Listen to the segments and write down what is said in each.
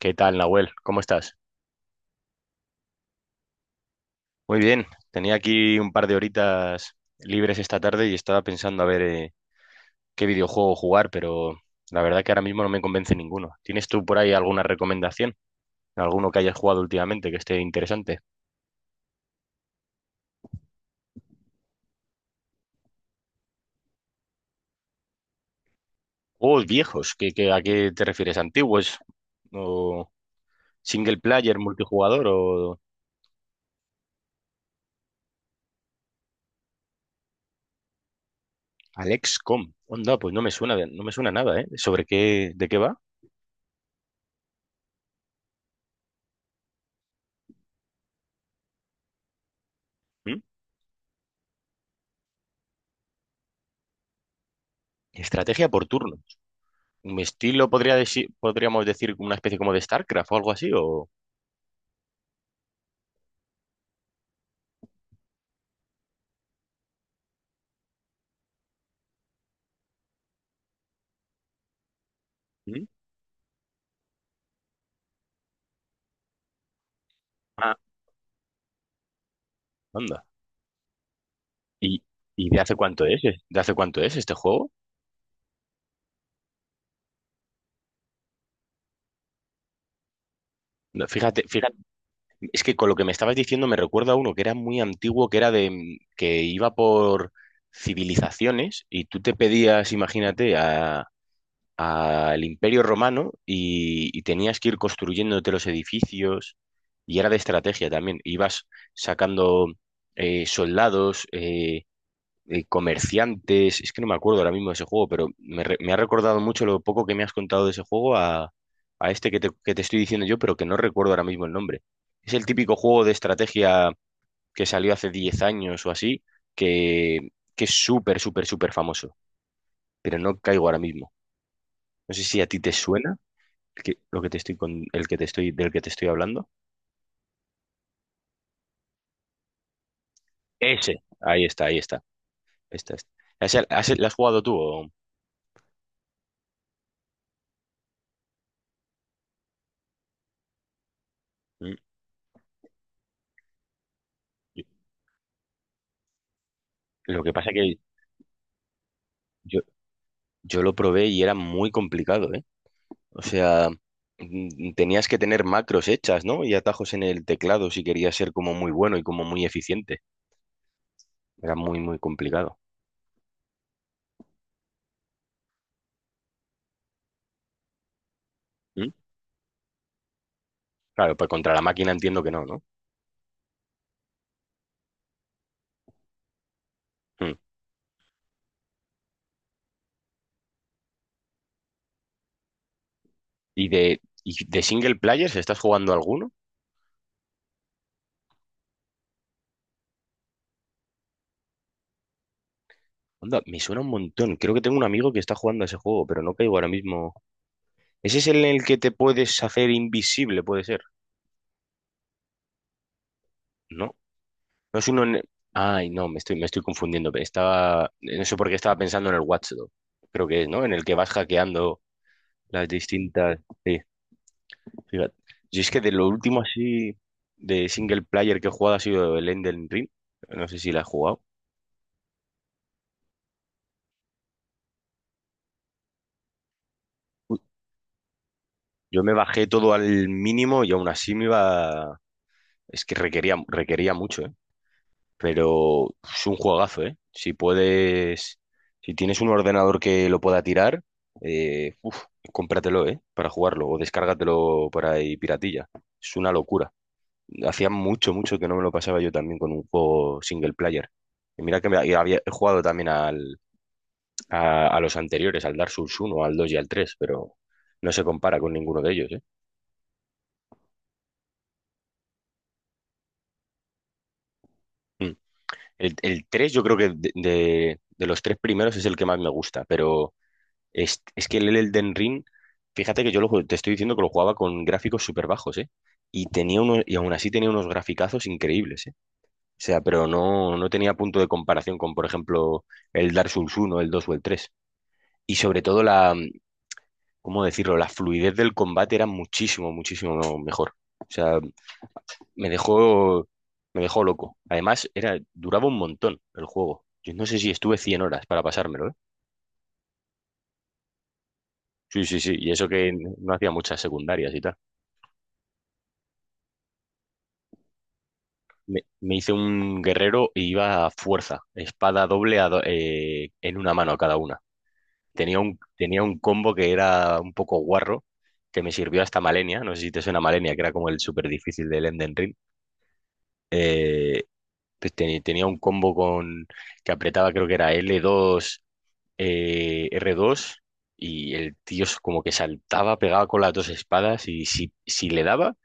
¿Qué tal, Nahuel? ¿Cómo estás? Muy bien. Tenía aquí un par de horitas libres esta tarde y estaba pensando a ver, qué videojuego jugar, pero la verdad que ahora mismo no me convence ninguno. ¿Tienes tú por ahí alguna recomendación? ¿Alguno que hayas jugado últimamente que esté interesante? Juegos viejos, ¿a qué te refieres? ¿Antiguos? ¿O single player, multijugador o Alexcom? Onda, pues no me suena, no me suena nada, ¿eh? ¿Sobre qué, de qué va? ¿Mm? Estrategia por turno. Mi estilo, podríamos decir, una especie como de StarCraft o algo así. ¿Mm? Ah, anda. ¿Y, y de hace cuánto es, ¿De hace cuánto es este juego? No, Fíjate, es que con lo que me estabas diciendo me recuerda a uno que era muy antiguo, que era de, que iba por civilizaciones y tú te pedías, imagínate, al Imperio Romano y tenías que ir construyéndote los edificios y era de estrategia también. Ibas sacando, soldados, comerciantes, es que no me acuerdo ahora mismo de ese juego, pero me ha recordado mucho lo poco que me has contado de ese juego a este que te estoy diciendo yo, pero que no recuerdo ahora mismo el nombre. Es el típico juego de estrategia que salió hace 10 años o así, que, que es súper, súper, súper famoso, pero no caigo ahora mismo. No sé si a ti te suena lo que te estoy con, el que te estoy, del que te estoy hablando. Ese, ahí está, ahí está. Está, está. ¿Lo has jugado tú? Mm. Lo que pasa que yo, yo lo probé y era muy complicado, ¿eh? O sea, tenías que tener macros hechas, ¿no? Y atajos en el teclado si querías ser como muy bueno y como muy eficiente. Era muy, muy complicado. ¿Mm? Claro, pues contra la máquina entiendo que no, ¿no? Mm. ¿Y de single players estás jugando alguno? Onda, me suena un montón. Creo que tengo un amigo que está jugando a ese juego, pero no caigo ahora mismo. ¿Ese es el en el que te puedes hacer invisible, puede ser? ¿No? No es uno, ay, no, me estoy confundiendo. No sé por qué estaba pensando en el Watchdog. Creo que es, ¿no? En el que vas hackeando las distintas. Sí, fíjate. Yo es que de lo último así de single player que he jugado ha sido el Elden Ring. No sé si la has jugado. Uy, yo me bajé todo al mínimo y aún así me iba. Es que requería mucho, ¿eh? Pero es un juegazo, ¿eh? Si puedes, si tienes un ordenador que lo pueda tirar, eh, uf, cómpratelo, ¿eh? Para jugarlo o descárgatelo por ahí piratilla. Es una locura. Hacía mucho, mucho que no me lo pasaba yo también con un juego single player. Y mira que me- y había he jugado también a los anteriores, al Dark Souls uno, al 2 y al 3, pero no se compara con ninguno de ellos, ¿eh? Mm. El 3 yo creo que de los tres primeros es el que más me gusta, pero es que el Elden Ring, fíjate que yo te estoy diciendo que lo jugaba con gráficos súper bajos, ¿eh? Y tenía uno, y aún así tenía unos graficazos increíbles, ¿eh? O sea, pero no, no tenía punto de comparación con, por ejemplo, el Dark Souls uno, el 2 o el tres. Y sobre todo ¿cómo decirlo? La fluidez del combate era muchísimo, muchísimo mejor. O sea, me dejó, me dejó loco. Además, duraba un montón el juego. Yo no sé si estuve 100 horas para pasármelo, ¿eh? Sí, sí, sí. Y eso que no hacía muchas secundarias y tal. Me hice un guerrero y iba a fuerza, espada doble en una mano cada una. Tenía un combo que era un poco guarro, que me sirvió hasta Malenia, no sé si te suena Malenia, que era como el súper difícil del Elden Ring. Eh, pues tenía un combo con que apretaba, creo que era L2, R2, y el tío como que saltaba, pegaba con las dos espadas, y si, si le daba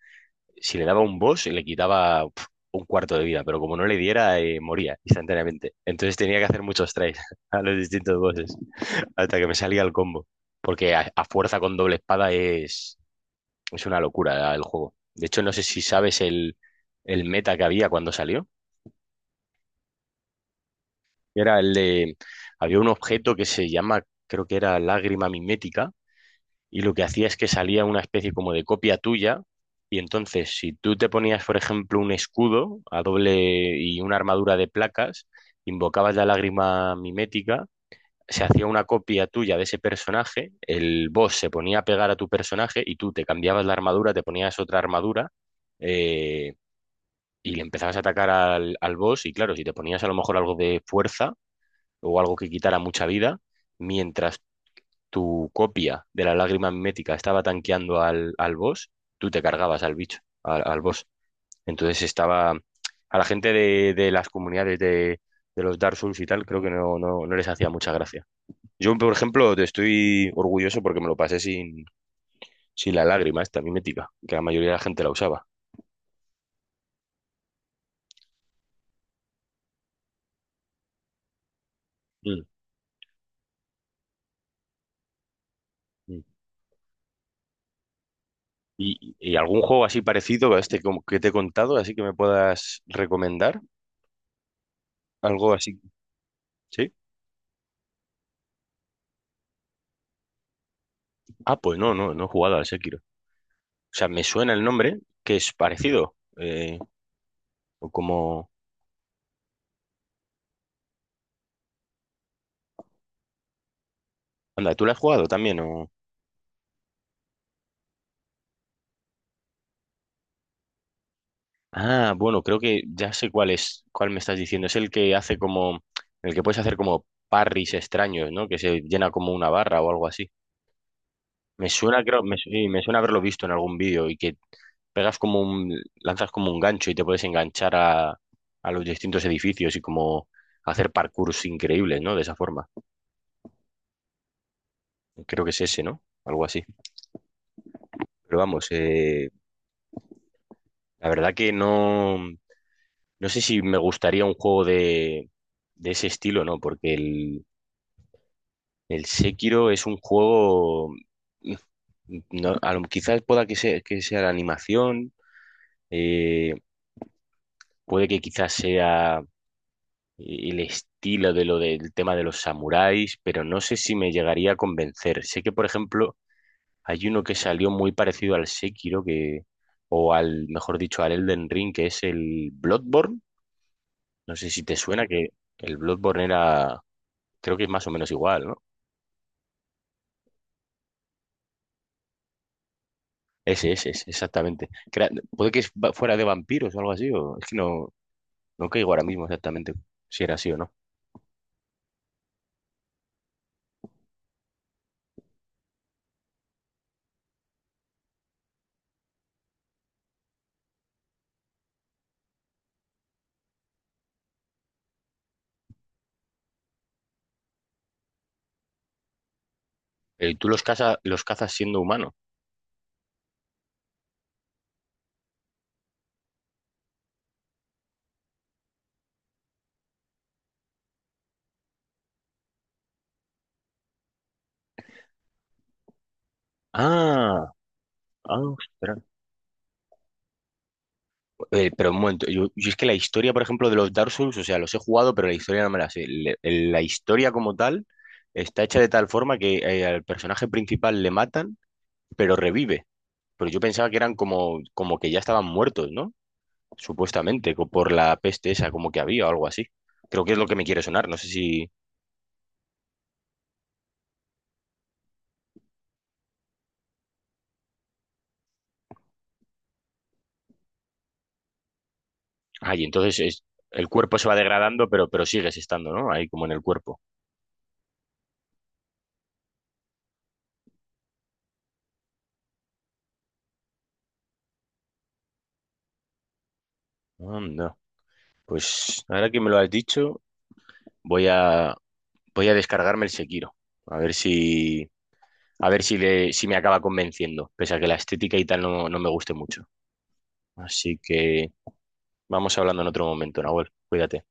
si le daba un boss, le quitaba, un cuarto de vida, pero como no le diera, moría instantáneamente. Entonces tenía que hacer muchos tries a los distintos bosses hasta que me salía el combo. Porque a fuerza con doble espada es una locura el juego. De hecho, no sé si sabes el meta que había cuando salió. Era el de... Había un objeto que se llama, creo que era lágrima mimética, y lo que hacía es que salía una especie como de copia tuya, y entonces si tú te ponías, por ejemplo, un escudo a doble y una armadura de placas, invocabas la lágrima mimética, se hacía una copia tuya de ese personaje, el boss se ponía a pegar a tu personaje y tú te cambiabas la armadura, te ponías otra armadura, eh, y le empezabas a atacar al boss, y claro, si te ponías a lo mejor algo de fuerza o algo que quitara mucha vida, mientras tu copia de la lágrima mimética estaba tanqueando al boss, tú te cargabas al bicho, al boss. Entonces estaba. A la gente de las comunidades de los Dark Souls y tal, creo que no, no, no les hacía mucha gracia. Yo, por ejemplo, te estoy orgulloso porque me lo pasé sin la lágrima esta mimética, que la mayoría de la gente la usaba. Mm, mm. Y algún juego así parecido a este como que te he contado, así que me puedas recomendar? Algo así, ¿sí? Ah, pues no, no, no he jugado al Sekiro. O sea, me suena el nombre, que es parecido. O como. Anda, ¿tú lo has jugado también? O. Ah, bueno, creo que ya sé cuál es, cuál me estás diciendo. Es el que hace como. El que puedes hacer como parries extraños, ¿no? Que se llena como una barra o algo así. Me suena, creo, sí, me suena haberlo visto en algún vídeo y que pegas como un. Lanzas como un gancho y te puedes enganchar a los distintos edificios y como hacer parkours increíbles, ¿no? De esa forma. Creo que es ese, ¿no? Algo así. Pero vamos, la verdad que no. No sé si me gustaría un juego de ese estilo, ¿no? Porque el Sekiro es un juego. No, quizás pueda que sea la animación, eh, puede que quizás sea el estilo de lo del tema de los samuráis, pero no sé si me llegaría a convencer. Sé que, por ejemplo, hay uno que salió muy parecido al Sekiro, mejor dicho, al Elden Ring, que es el Bloodborne. No sé si te suena que el Bloodborne era Creo que es más o menos igual, ¿no? Ese, exactamente. Puede que fuera de vampiros o algo así, o es que no, no caigo ahora mismo exactamente si era así o no. Pero ¿y tú los cazas siendo humano? Ah, ah, ostras. Pero un momento, yo es que la historia, por ejemplo, de los Dark Souls, o sea, los he jugado, pero la historia no me la sé. La historia como tal está hecha de tal forma que, al personaje principal le matan, pero revive. Pero yo pensaba que eran como que ya estaban muertos, ¿no? Supuestamente, por la peste esa, como que había o algo así. Creo que es lo que me quiere sonar, no sé si. Ay, entonces el cuerpo se va degradando, pero sigues estando, ¿no? Ahí como en el cuerpo. Anda. Pues ahora que me lo has dicho, voy a, voy a descargarme el Sekiro. A ver si, si me acaba convenciendo, pese a que la estética y tal no me guste mucho. Así que vamos hablando en otro momento, Nahuel. Cuídate.